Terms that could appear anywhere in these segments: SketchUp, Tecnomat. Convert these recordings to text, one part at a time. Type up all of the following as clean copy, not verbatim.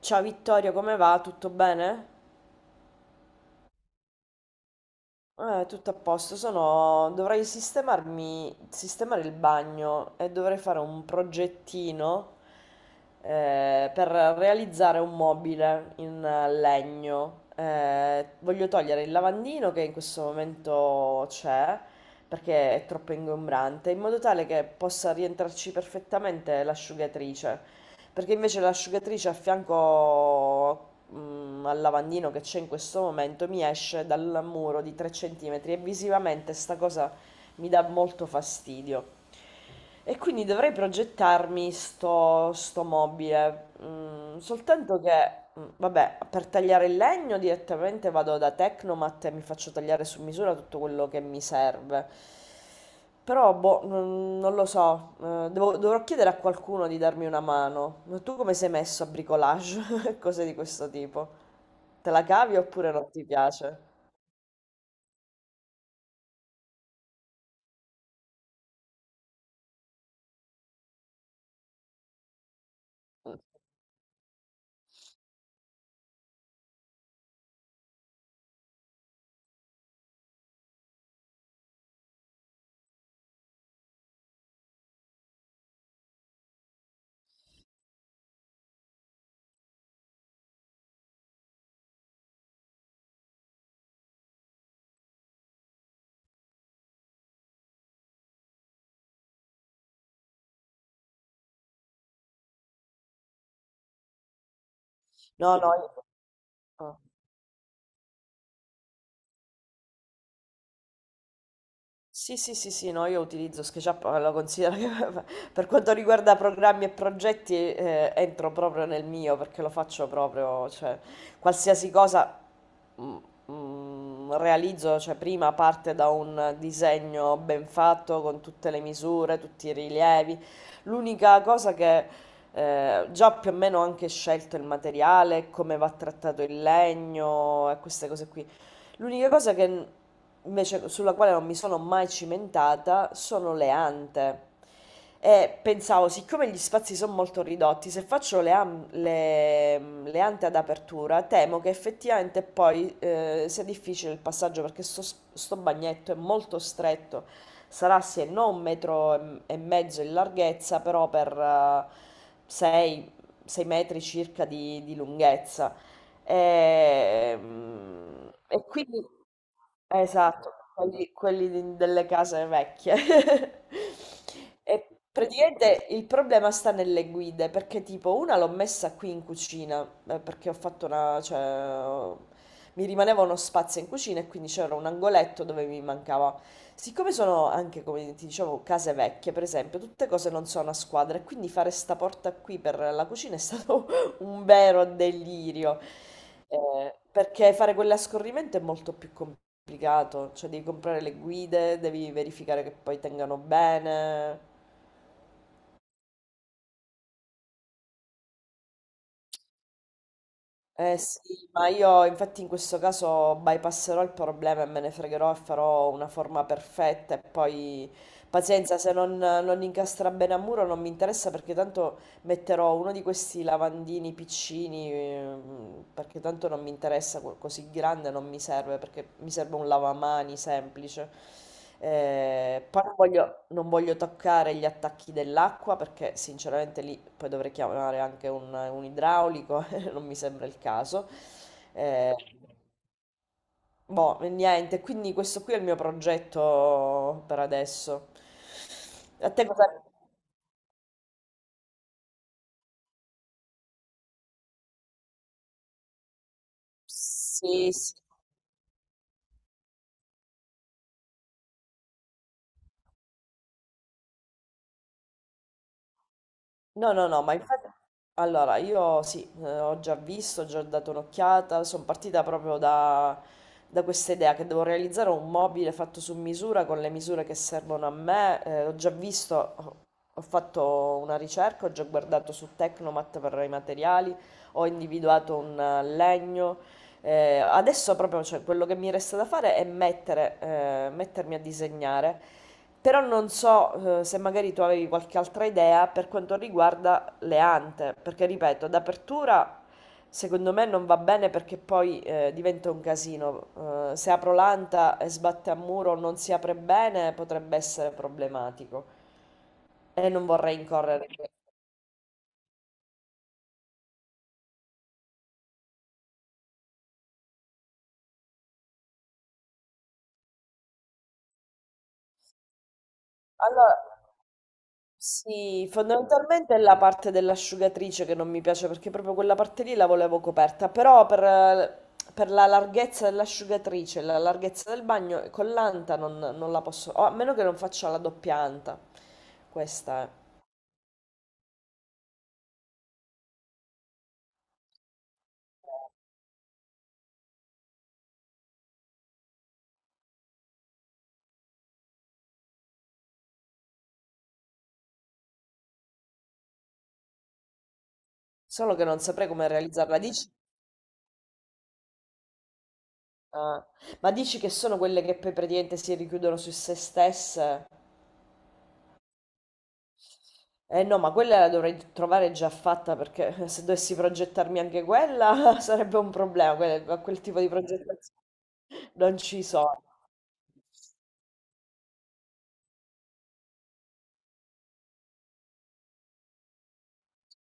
Ciao Vittorio, come va? Tutto bene? Tutto a posto. Sono... Dovrei sistemarmi, sistemare il bagno e dovrei fare un progettino per realizzare un mobile in legno. Voglio togliere il lavandino che in questo momento c'è perché è troppo ingombrante, in modo tale che possa rientrarci perfettamente l'asciugatrice. Perché invece l'asciugatrice a fianco al lavandino che c'è in questo momento mi esce dal muro di 3 centimetri e visivamente sta cosa mi dà molto fastidio. E quindi dovrei progettarmi sto mobile, vabbè, per tagliare il legno direttamente vado da Tecnomat e mi faccio tagliare su misura tutto quello che mi serve. Però, boh, non lo so, dovrò chiedere a qualcuno di darmi una mano. Ma tu come sei messo a bricolage? Cose di questo tipo? Te la cavi oppure non ti piace? No, no, io... no. Sì, sì, sì, sì, no, io utilizzo SketchUp, ma lo considero che per quanto riguarda programmi e progetti entro proprio nel mio perché lo faccio proprio, cioè qualsiasi cosa mm, realizzo, cioè prima parte da un disegno ben fatto con tutte le misure, tutti i rilievi. L'unica cosa che già più o meno ho anche scelto il materiale, come va trattato il legno e queste cose qui. L'unica cosa che n- Invece sulla quale non mi sono mai cimentata sono le ante. E pensavo, siccome gli spazi sono molto ridotti, se faccio le ante ad apertura, temo che effettivamente poi sia difficile il passaggio perché sto bagnetto è molto stretto, sarà se non un metro e mezzo in larghezza, però per 6 metri circa di lunghezza. Ehm, e quindi esatto, quelli, delle case vecchie. E praticamente il problema sta nelle guide, perché tipo una l'ho messa qui in cucina, perché ho fatto una, ho- mi rimaneva uno spazio in cucina e quindi c'era un angoletto dove mi mancava. Siccome sono anche, come ti dicevo, case vecchie, per esempio, tutte cose non sono a squadra, e quindi fare sta porta qui per la cucina è stato un vero delirio. Perché fare quell'ascorrimento è molto più complicato, cioè devi comprare le guide, devi verificare che poi tengano bene. Eh sì, ma io infatti in questo caso bypasserò il problema e me ne fregherò e farò una forma perfetta e poi pazienza, se non incastra bene a muro non mi interessa perché tanto metterò uno di questi lavandini piccini perché tanto non mi interessa così grande, non mi serve perché mi serve un lavamani semplice. Poi non voglio toccare gli attacchi dell'acqua perché sinceramente lì poi dovrei chiamare anche un idraulico. Non mi sembra il caso. Eh, Boh, e niente, quindi questo qui è il mio progetto per adesso. A te cosa... Sì, sì. No, no, no, ma infatti, allora io sì, ho già visto, ho già dato un'occhiata, sono partita proprio da, da questa idea che devo realizzare un mobile fatto su misura con le misure che servono a me, ho già visto, ho fatto una ricerca, ho già guardato su Tecnomat per i materiali, ho individuato un legno, adesso proprio cioè, quello che mi resta da fare è mettere, mettermi a disegnare. Però non so, se magari tu avevi qualche altra idea per quanto riguarda le ante, perché ripeto, d'apertura secondo me non va bene perché poi diventa un casino. Se apro l'anta e sbatte a muro non si apre bene, potrebbe essere problematico e non vorrei Allora, sì, fondamentalmente è la parte dell'asciugatrice che non mi piace perché proprio quella parte lì la volevo coperta, però per la larghezza dell'asciugatrice, la larghezza del bagno, con l'anta non la posso, o a meno che non faccia la doppia anta, questa è. Solo che non saprei come realizzarla. Dici, ah, ma dici che sono quelle che poi praticamente si richiudono su se stesse? Eh no, ma quella la dovrei trovare già fatta perché se dovessi progettarmi anche quella sarebbe un problema, quel tipo di progettazione. Non ci sono.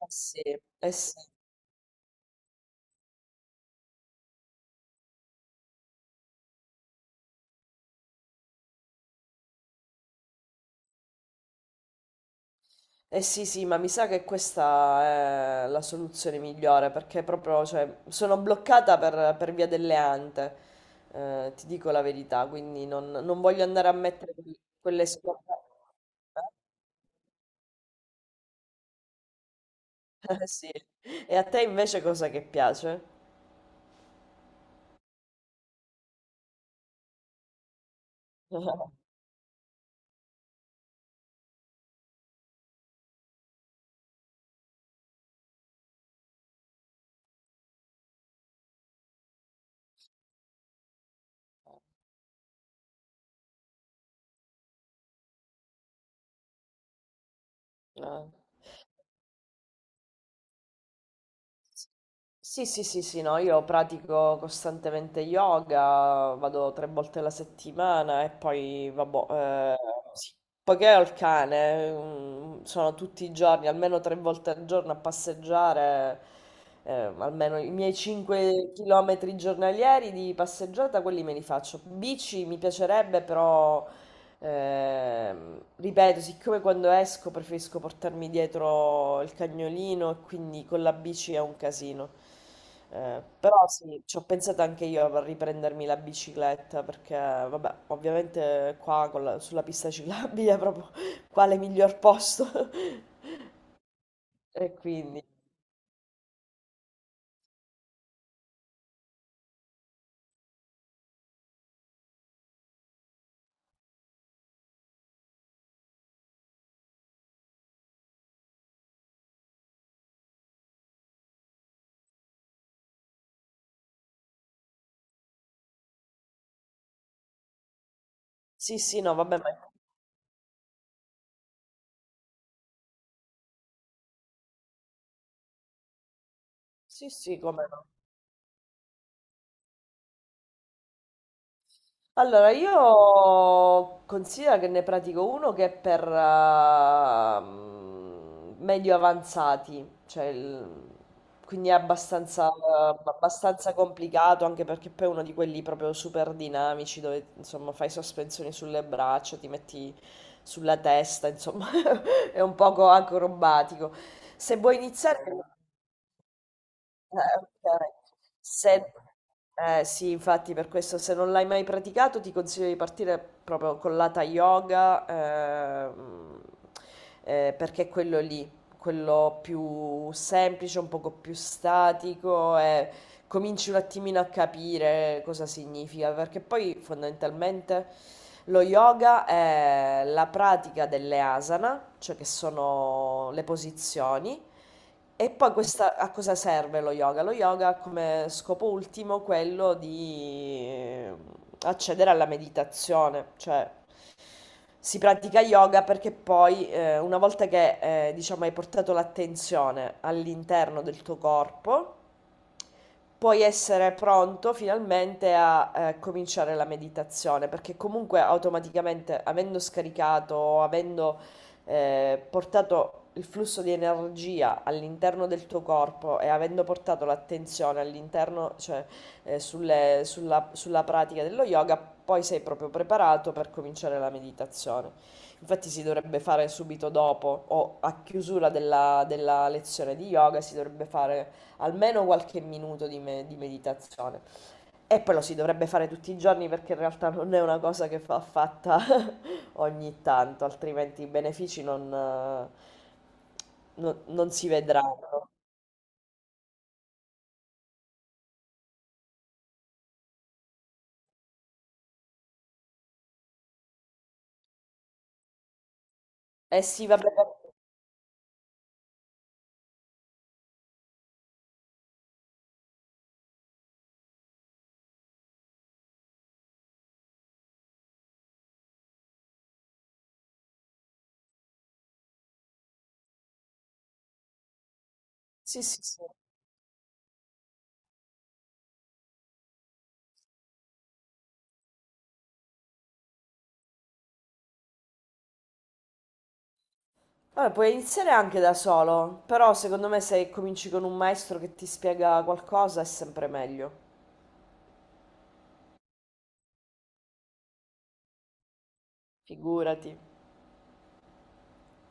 Eh sì, eh sì. Eh sì, sì, ma mi sa che questa è la soluzione migliore perché proprio, cioè, sono bloccata per via delle ante, ti dico la verità, quindi non voglio andare a mettere quelle scorte. Sì. E a te invece cosa che piace? Ah. S- Sì, sì, sì, sì, no, io pratico costantemente yoga, vado tre volte alla settimana e poi, vabbè, sì. Poiché ho il cane, mm, sono tutti i giorni, almeno tre volte al giorno a passeggiare, eh, almeno i miei 5 km giornalieri di passeggiata, quelli me li faccio. Bici mi piacerebbe, però ripeto, siccome quando esco preferisco portarmi dietro il cagnolino e quindi con la bici è un casino. Però sì, ci ho pensato anche io a riprendermi la bicicletta perché, vabbè, ovviamente qua sulla pista ciclabile è proprio quale miglior posto. E quindi, sì, sì, no, vabbè, ma sì, sì, come no. Allora, io considero che ne pratico uno che è per medio avanzati, quindi è abbastanza, abbastanza complicato, anche perché poi è uno di quelli proprio super dinamici dove insomma fai sospensioni sulle braccia, ti metti sulla testa, insomma è un poco acrobatico. Se vuoi iniziare... Eh, okay. Se eh sì, Infatti per questo se non l'hai mai praticato ti consiglio di partire proprio con l'Hatha Yoga, ehm, perché è quello lì, quello più semplice, un poco più statico e cominci un attimino a capire cosa significa, perché poi fondamentalmente lo yoga è la pratica delle asana, cioè che sono le posizioni e poi questa, a cosa serve lo yoga? Lo yoga ha come scopo ultimo quello di accedere alla meditazione, cioè si pratica yoga perché poi una volta che diciamo, hai portato l'attenzione all'interno del tuo corpo, puoi essere pronto finalmente a cominciare la meditazione, perché comunque automaticamente, avendo scaricato, avendo portato il flusso di energia all'interno del tuo corpo e avendo portato l'attenzione all'interno, cioè sulla pratica dello yoga, poi sei proprio preparato per cominciare la meditazione. Infatti si dovrebbe fare subito dopo o a chiusura della lezione di yoga si dovrebbe fare almeno qualche minuto di meditazione. E poi lo si dovrebbe fare tutti i giorni perché in realtà non è una cosa che va fatta ogni tanto, altrimenti i benefici non, non si vedranno. Eh sì, vabbè. Sì, sì, sì. Vabbè, puoi iniziare anche da solo, però secondo me se cominci con un maestro che ti spiega qualcosa è sempre meglio. Figurati.